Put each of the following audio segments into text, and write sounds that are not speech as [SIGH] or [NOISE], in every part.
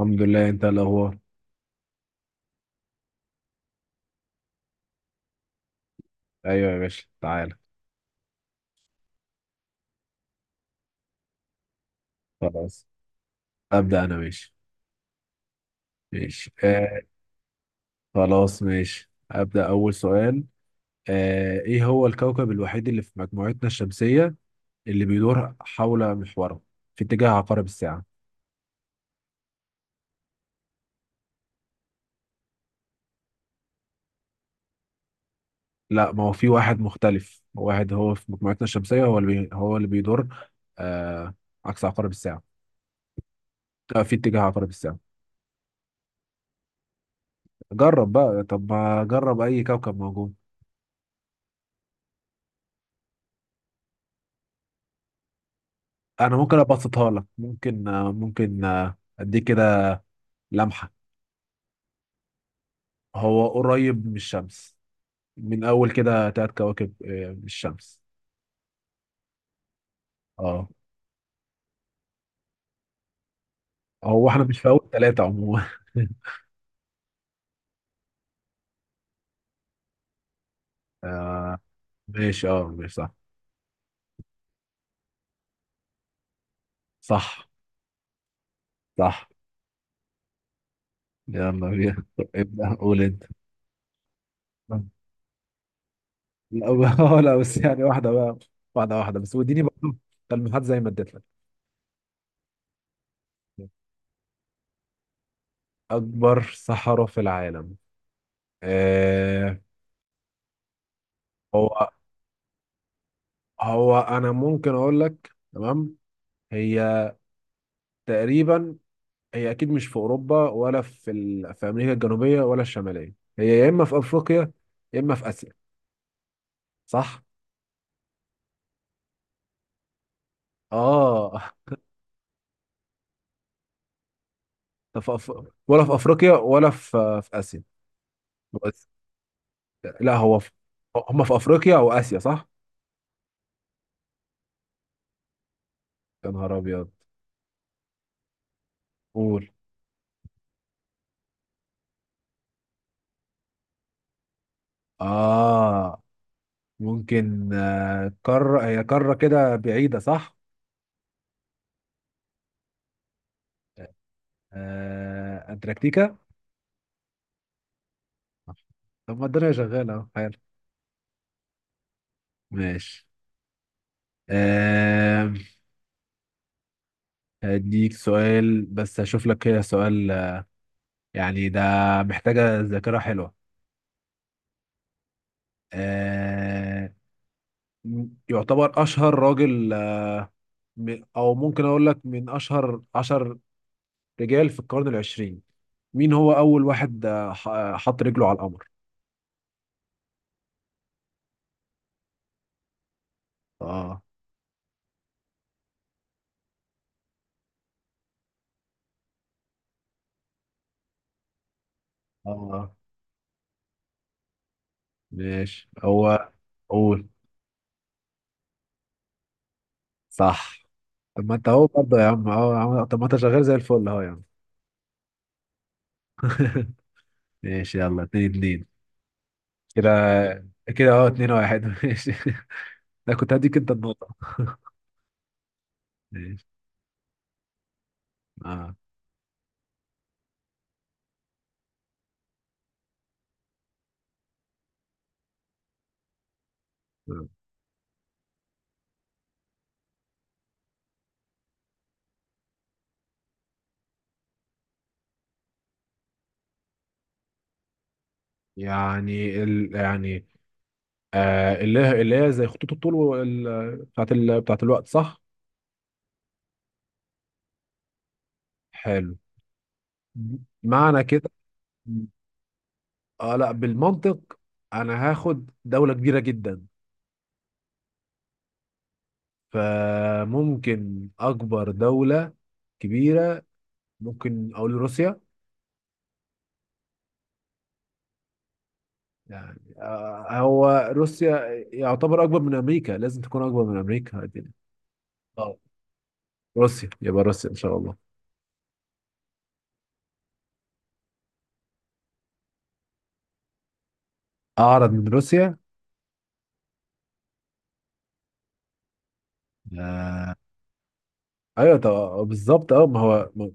الحمد لله، انت الاخبار؟ ايوه يا باشا، تعالى. خلاص، ابدا انا ماشي. ماشي، آه. خلاص ماشي، ابدا اول سؤال. ايه هو الكوكب الوحيد اللي في مجموعتنا الشمسيه، اللي بيدور حول محوره في اتجاه عقارب الساعه؟ لا، ما هو في واحد مختلف. واحد هو في مجموعتنا الشمسيه، هو اللي بيدور آه عكس عقارب الساعه، في اتجاه عقارب الساعه. جرب بقى، طب ما جرب اي كوكب موجود. انا ممكن ابسطها لك، ممكن اديك كده لمحة. هو قريب من الشمس. من أول كده تلات كواكب، من الشمس. اه، هو احنا مش في أول تلاتة عموما. [LAUGHS] آه ماشي. اه، ماشي. صح. صح. صح. يلا بينا. [LAUGHS] ابدأ، قول انت. لا، [LAUGHS] لا، بس يعني واحدة بقى. واحدة واحدة، بس واديني برضه تلميحات زي ما اديت لك. أكبر صحراء في العالم. آه هو هو أنا ممكن أقول لك، تمام. هي تقريبا... هي اكيد مش في اوروبا، ولا في امريكا الجنوبيه ولا الشماليه. هي يا اما في افريقيا، يا اما في اسيا، صح؟ اه. [LAUGHS] طب ولا في افريقيا ولا في اسيا؟ بس... لا، هو في... هم في افريقيا او اسيا، صح؟ يا نهار ابيض! قول. اه، ممكن، قاره. هي قاره كده بعيده، صح؟ انتاركتيكا. طب ما الدنيا شغاله اهو، حلو. ماشي. آه... هديك سؤال، بس هشوف لك كده سؤال. يعني ده محتاجة ذاكرة حلوة. آه يعتبر أشهر راجل، أو ممكن أقول لك من أشهر 10 رجال في القرن العشرين. مين هو أول واحد، حط رجله على القمر؟ آه. آه. ماشي، هو... قول. صح. طب ما أنت أهو برضه يا عم. أه يا عم، طب ما أنت شغال زي الفل أهو يا عم. [LAUGHS] ماشي، يلا، 2-2. كده. كده أهو، 2-1. [LAUGHS] ماشي. أنا كنت هديك أنت النقطة. مم. آه. يعني اللي هي زي خطوط الطول، بتاعت الوقت، صح؟ حلو. معنى كده... اه، لا، بالمنطق. انا هاخد دولة كبيرة جدا. فممكن اكبر دولة كبيرة. ممكن اقول روسيا. يعني هو روسيا يعتبر اكبر من امريكا، لازم تكون اكبر من امريكا. آه، روسيا، يبقى روسيا ان شاء الله. اعرض من روسيا. آه، ايوه، طب بالظبط، اه، ما هو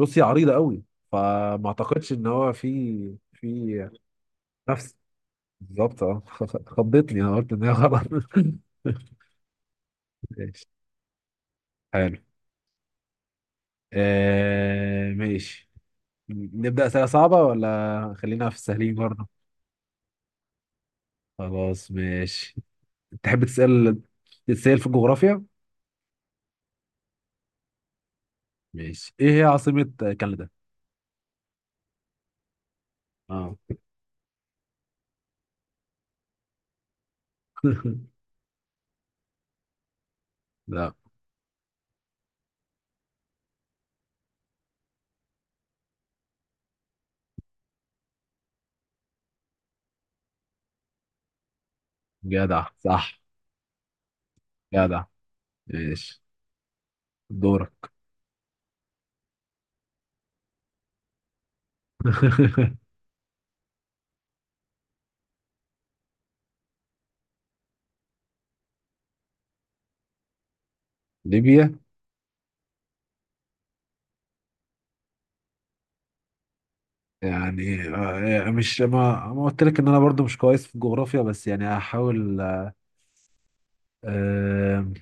روسيا عريضه قوي. فما اعتقدش ان هو في نفس... بالظبط، اه. [LAUGHS] خضتني، انا قلت ان هي غلط. [LAUGHS] ماشي. حلو. ماشي. نبدا اسئله صعبه ولا خلينا في السهلين برضه؟ خلاص ماشي. تحب تسال، تسال في الجغرافيا؟ ماشي، ايه هي عاصمه كندا؟ اه. [LAUGHS] لا. جدع، صح. جدع. ماشي. دورك. [LAUGHS] ليبيا. يعني مش ما قلت لك ان انا برضو مش كويس في الجغرافيا، بس يعني هحاول. آه،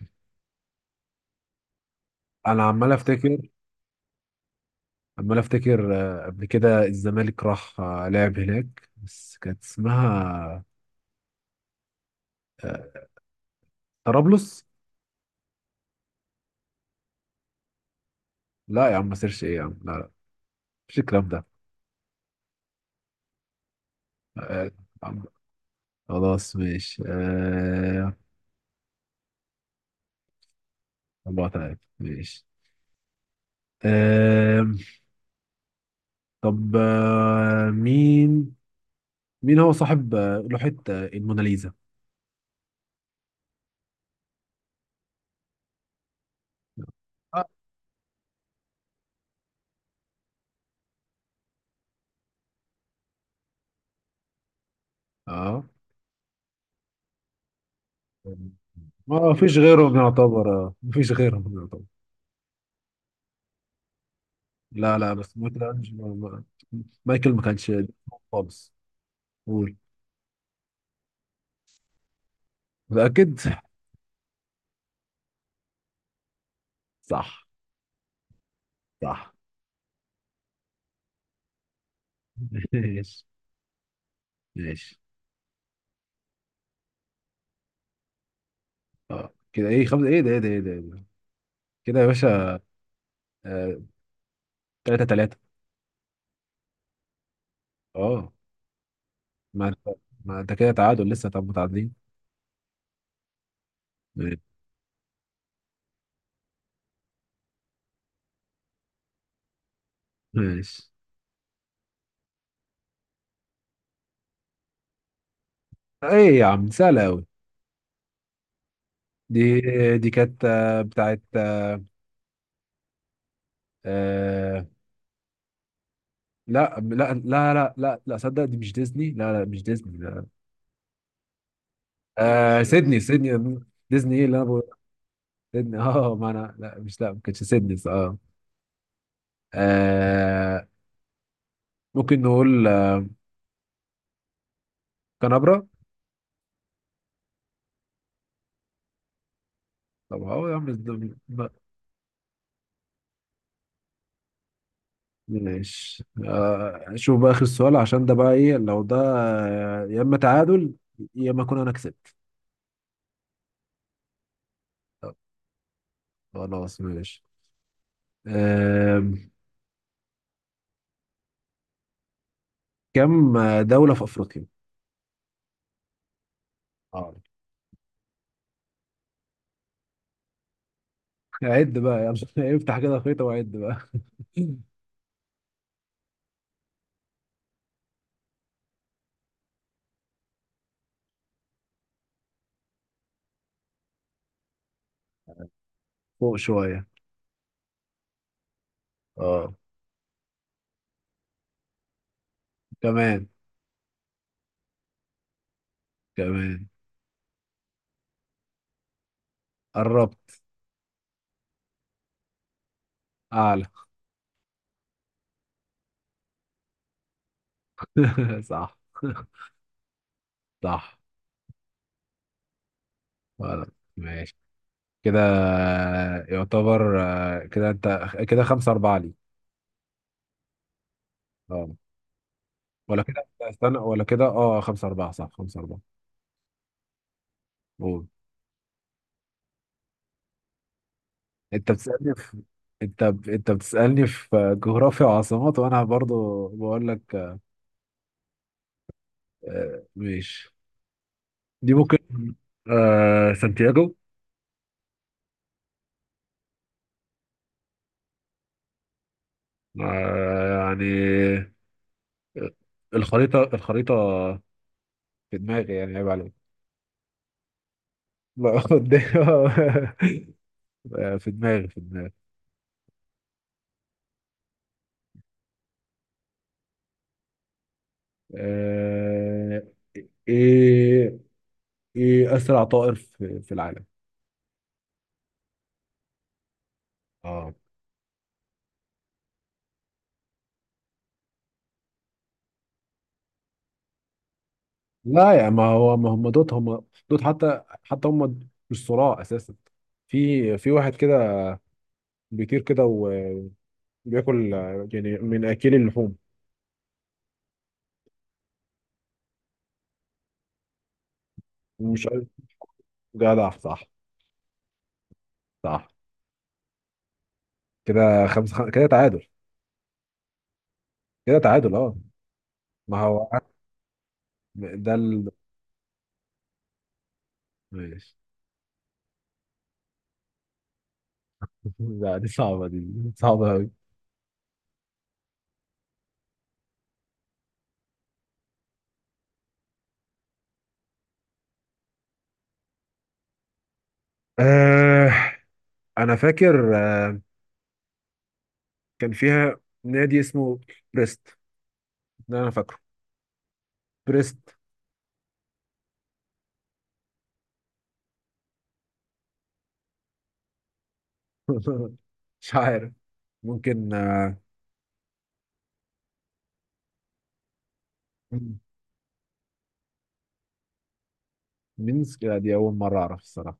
انا عمال افتكر. عمال افتكر. قبل كده الزمالك راح لعب هناك، بس كانت اسمها آه، طرابلس. لا يا عم، ما سيرش ايه يا عم، لا لا. مش الكلام ده. آه، عم- خلاص ماشي. الله تعالى، ماشي. آه، طب، مين هو صاحب لوحة الموناليزا؟ اه، ما فيش غيرهم يعتبر، ما فيش غيرهم يعتبر. لا لا، بس مايكل أنجلو مايكل ما كانش خالص. قول. متأكد؟ صح. صح. [LAUGHS] ماشي. ماشي. اه، كده ايه؟ خمسة، ايه ده، ايه ده، ايه ده، إيه ده؟ كده يا باشا. آه، 3-3. اه. ما انت ما انت كده تعادل لسه، طب متعادلين. ماشي. ماشي. ايه يا عم، سهلة أوي دي. دي كانت بتاعت... آه، لا لا لا لا لا لا، صدق دي مش ديزني. لا لا، مش ديزني، لا. آه، سيدني، سيدني. ديزني، ايه اللي انا بقول. سيدني. [LAUGHS] اه، ما انا لا، مش لا، ما كانتش سيدني، اه. آه، ممكن نقول كنبرة. طب اه يا عم، ماشي. شوف بقى اخر سؤال عشان ده بقى ايه. لو ده يا اما تعادل، يا اما اكون انا كسبت. طب، خلاص ماشي. آه كم دولة في افريقيا؟ اه. عد بقى. يلا. [LAUGHS] افتح كده خيطة وعد بقى. [LAUGHS] فوق شوية. اه. كمان. كمان. قربت. اعلى. [LAUGHS] صح. صح. خلاص ماشي. كده يعتبر، كده انت كده 5-4 لي. اه. ولا كده، استنى، ولا كده، اه، 5-4، صح، 5-4. قول. انت بتسألني في... انت بتسألني في جغرافيا وعاصمات، وانا برضو بقول لك. ماشي. دي ممكن. سانتياغو. يعني آه، الخريطة الخريطة في دماغي، يعني عيب عليك. [LAUGHS] لا، قدام. في دماغي، في دماغي. آه، ايه ايه اسرع طائر في العالم؟ اه. لا، يا ما هو ما، هم دوت حتى هم. مش صراع اساسا. في واحد كده بيطير كده وبياكل، يعني من اكل اللحوم. مش عارف. جدع، صح. صح. كده خمسة كده تعادل. كده تعادل، اه. ما هو... [LAUGHS] ده ال... ماشي. [LAUGHS] لا، دي صعبة دي. صعبة أوي. آه أنا فاكر كان فيها نادي اسمه بريست. ده انا فاكره. بريست. [LAUGHS] مش عارف. ممكن مينسك. لا، دي اول مره اعرف الصراحه.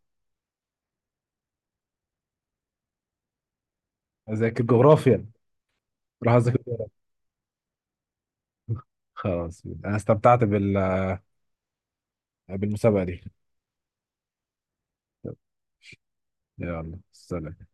اذاكر جغرافيا. راح اذاكر جغرافيا. [LAUGHS] خلاص، انا استمتعت بالمسابقه دي. يلا، سلام.